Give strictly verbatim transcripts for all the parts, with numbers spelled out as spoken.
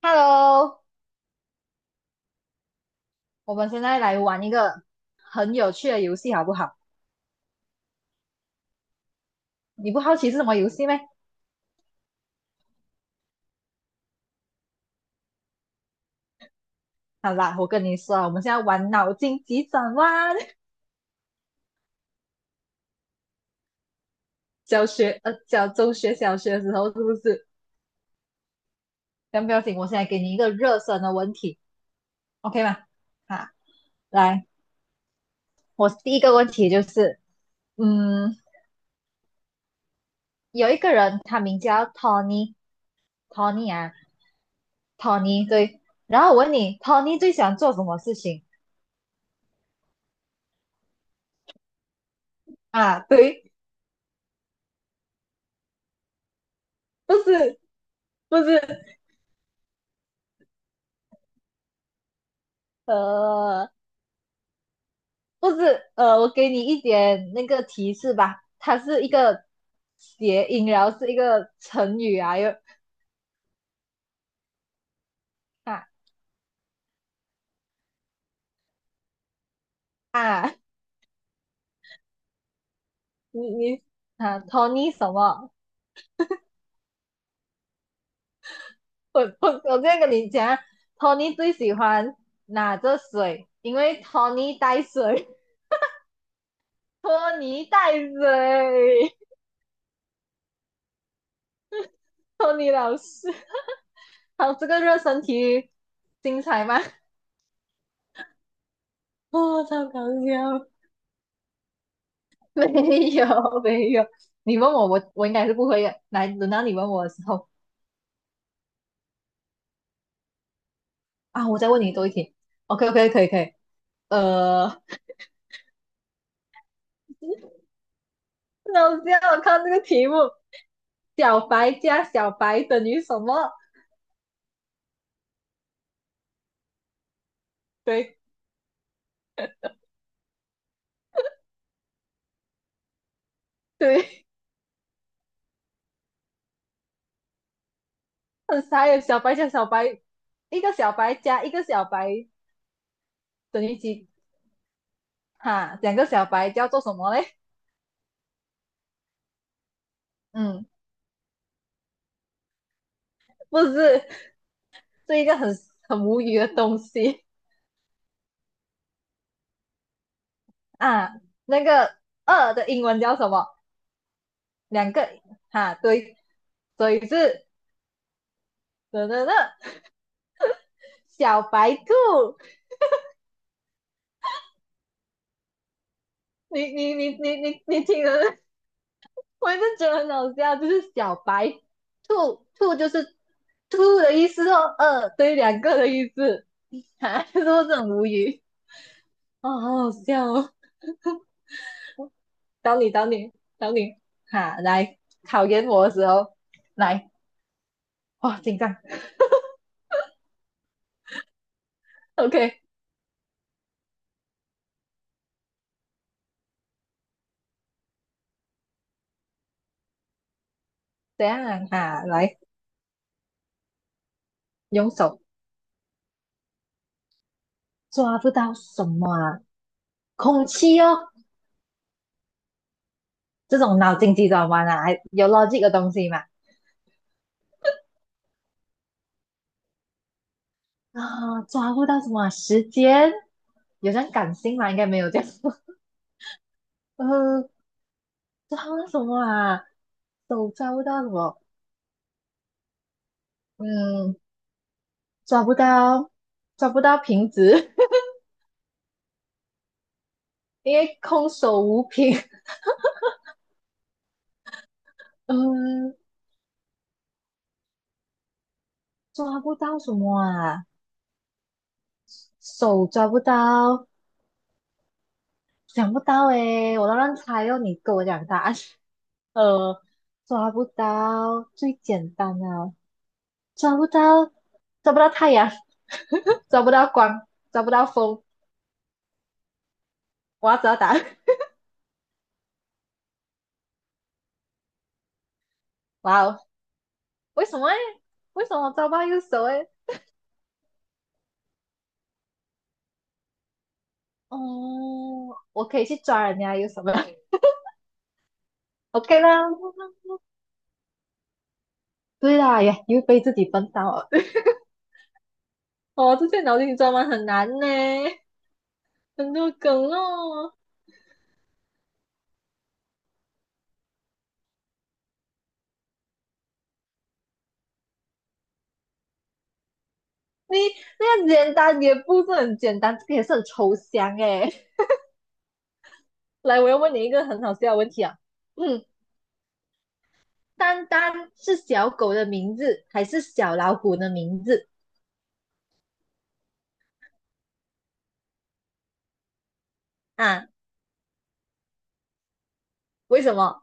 Hello，我们现在来玩一个很有趣的游戏，好不好？你不好奇是什么游戏吗？好啦，我跟你说啊我们现在玩脑筋急转弯。小学，呃，小中学、小学的时候是不是？先不要紧，我现在给你一个热身的问题，OK 吗？好，来，我第一个问题就是，嗯，有一个人他名叫 Tony，Tony 啊，Tony 对。然后我问你，Tony 最喜欢做什么事情啊？对，不是，不是，呃。不是，呃，我给你一点那个提示吧，它是一个谐音，然后是一个成语啊，又啊啊，你你啊，Tony 什么？我我我这样跟你讲啊，Tony 最喜欢拿着水，因为 Tony 带水，托尼带水，托尼老师。好，这个热身题精彩吗？哦，超搞笑。没有没有，你问我，我我应该是不会的。来，轮到你问我的时候啊，我再问你多一题。OK OK 可以可以。呃，那我这样我看这个题目，小白加小白等于什么？对对，很傻耶。小白加小白，一个小白加一个小白等于几？哈，两个小白叫做什么嘞？嗯，不是，是一个很很无语的东西啊。那个二的英文叫什么？两个哈，对。所以是等等等小白兔，你你你你你你听了，我就觉得很好笑，就是小白兔，兔就是兔的意思哦，二对两个的意思，哈，就是不是很无语？哦，好好笑哦，找你找你找你，哈，来考验我的时候，来，哇，紧张，OK，怎样哈，来用手抓不到什么啊，空气哦，这种脑筋急转弯啊，有 l o 的东西嘛。啊，抓不到什么啊时间有这样感性吗？应该没有这样。呃，抓不到什么啊？手抓不到什么？嗯，抓不到，抓不到瓶子，因为空手无瓶。嗯，抓不到什么啊？手抓不到，想不到诶，我都乱猜哦，你跟我讲答案。呃，抓不到最简单啊，抓不到，抓不到太阳，抓不到光，抓不到风。我要知道答案。哇哦，为什么诶为什么抓不到右手诶哦，我可以去抓人家右手吗 ？OK 啦。对啦，也又被自己笨到了。哦，这些脑筋急转弯很难呢，很多梗哦。你那个简单也不是很简单，这个也是很抽象诶。来，我要问你一个很好笑的问题啊。嗯，丹丹是小狗的名字还是小老虎的名字啊？为什么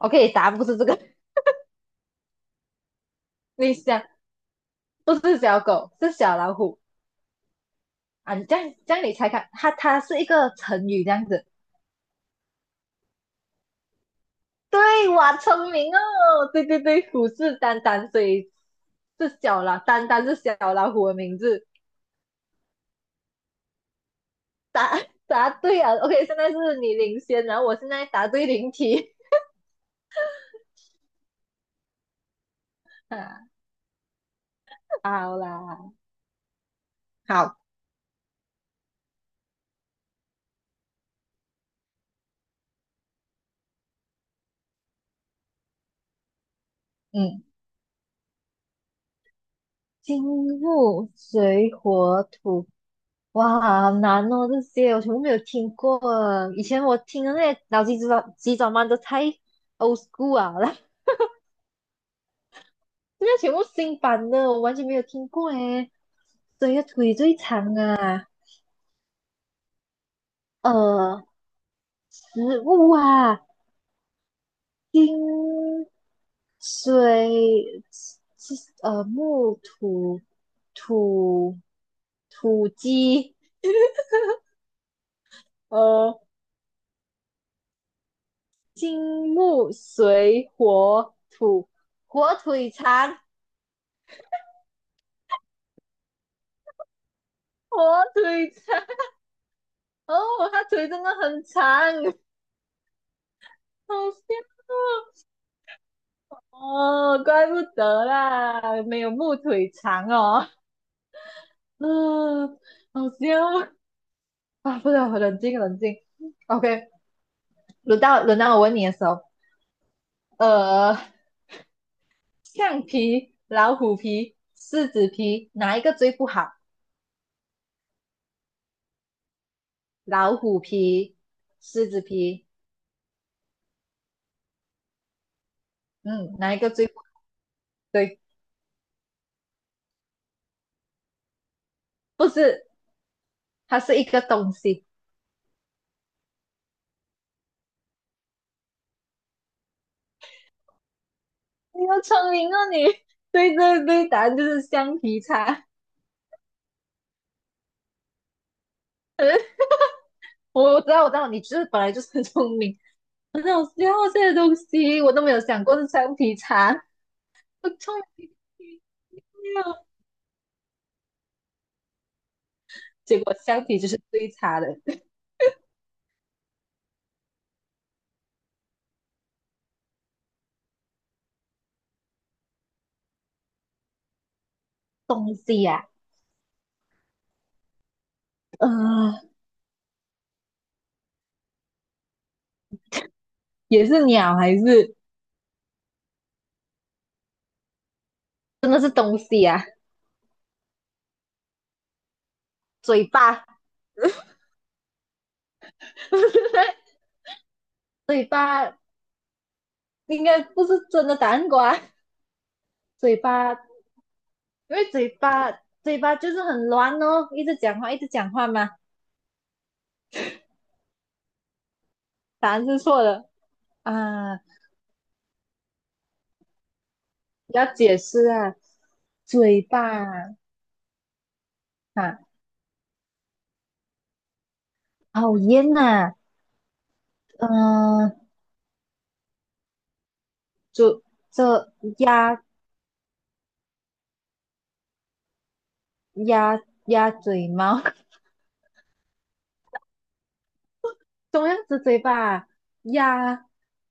o k 答案不是这个，你想不是小狗，是小老虎啊！你这样这样你猜看，它它是一个成语这样子。对，哇，聪明哦！对对对，虎视眈眈，所以是小老，眈眈是小老虎的名字。答答对啊！OK，现在是你领先，然后我现在答对零题。啊好啦，好，嗯，金木水火土哇，好难哦，这些我全部没有听过。以前我听的那些脑筋急转急转弯都太 old school 啊了，这在全部新版的，我完全没有听过诶。谁的腿最长啊？呃，食物啊，金水是呃木土土土鸡，呃金木水火土，火腿肠，火腿肠。哦，他腿真的很长，好笑哦！哦，怪不得啦，没有木腿长哦。嗯，好笑啊！不能冷静冷静。OK，轮到轮到我问你的时候，呃，橡皮、老虎皮、狮子皮，哪一个最不好？老虎皮、狮子皮，嗯，哪一个最不对？不是，它是一个东西。你好聪明啊，你！对对对，答案就是橡皮擦。我知道我知道，你就是本来就是很聪明，很好笑这些东西，我都没有想过是橡皮擦，我聪明啊结果橡皮就是最差的东西呀、啊，呃也是鸟还是真的是东西呀、啊？嘴巴 嘴巴应该不是真的答案。瓜，嘴巴，因为嘴巴嘴巴就是很乱哦，一直讲话一直讲话嘛，答案是错的啊，要解释啊，嘴巴啊。啊，好夜呐，嗯、就这鸭鸭鸭嘴猫，怎么样子嘴巴啊？鸭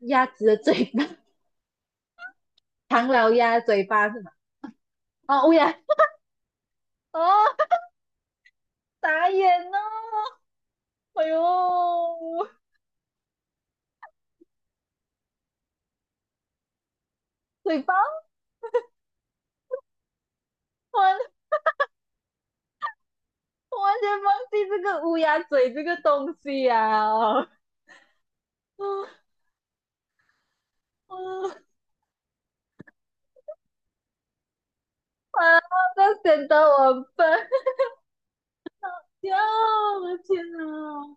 鸭子的嘴巴，唐老鸭嘴巴是吗？哦，乌鸦，哦，打眼哦，哎呦，嘴巴，我完我完全忘记这个乌鸦嘴这个东西呀、啊，嗯嗯，啊，这显得我很笨，哟，我的天哪！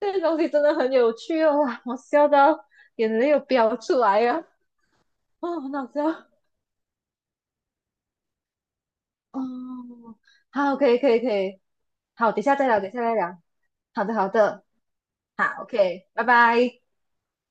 这个东西真的很有趣哦，哇，我笑到眼泪又飙出来呀、哦，很好笑，哦，好，可以，可以，可以，好，等一下再聊，等一下再聊，好的，好的，好，OK，拜拜。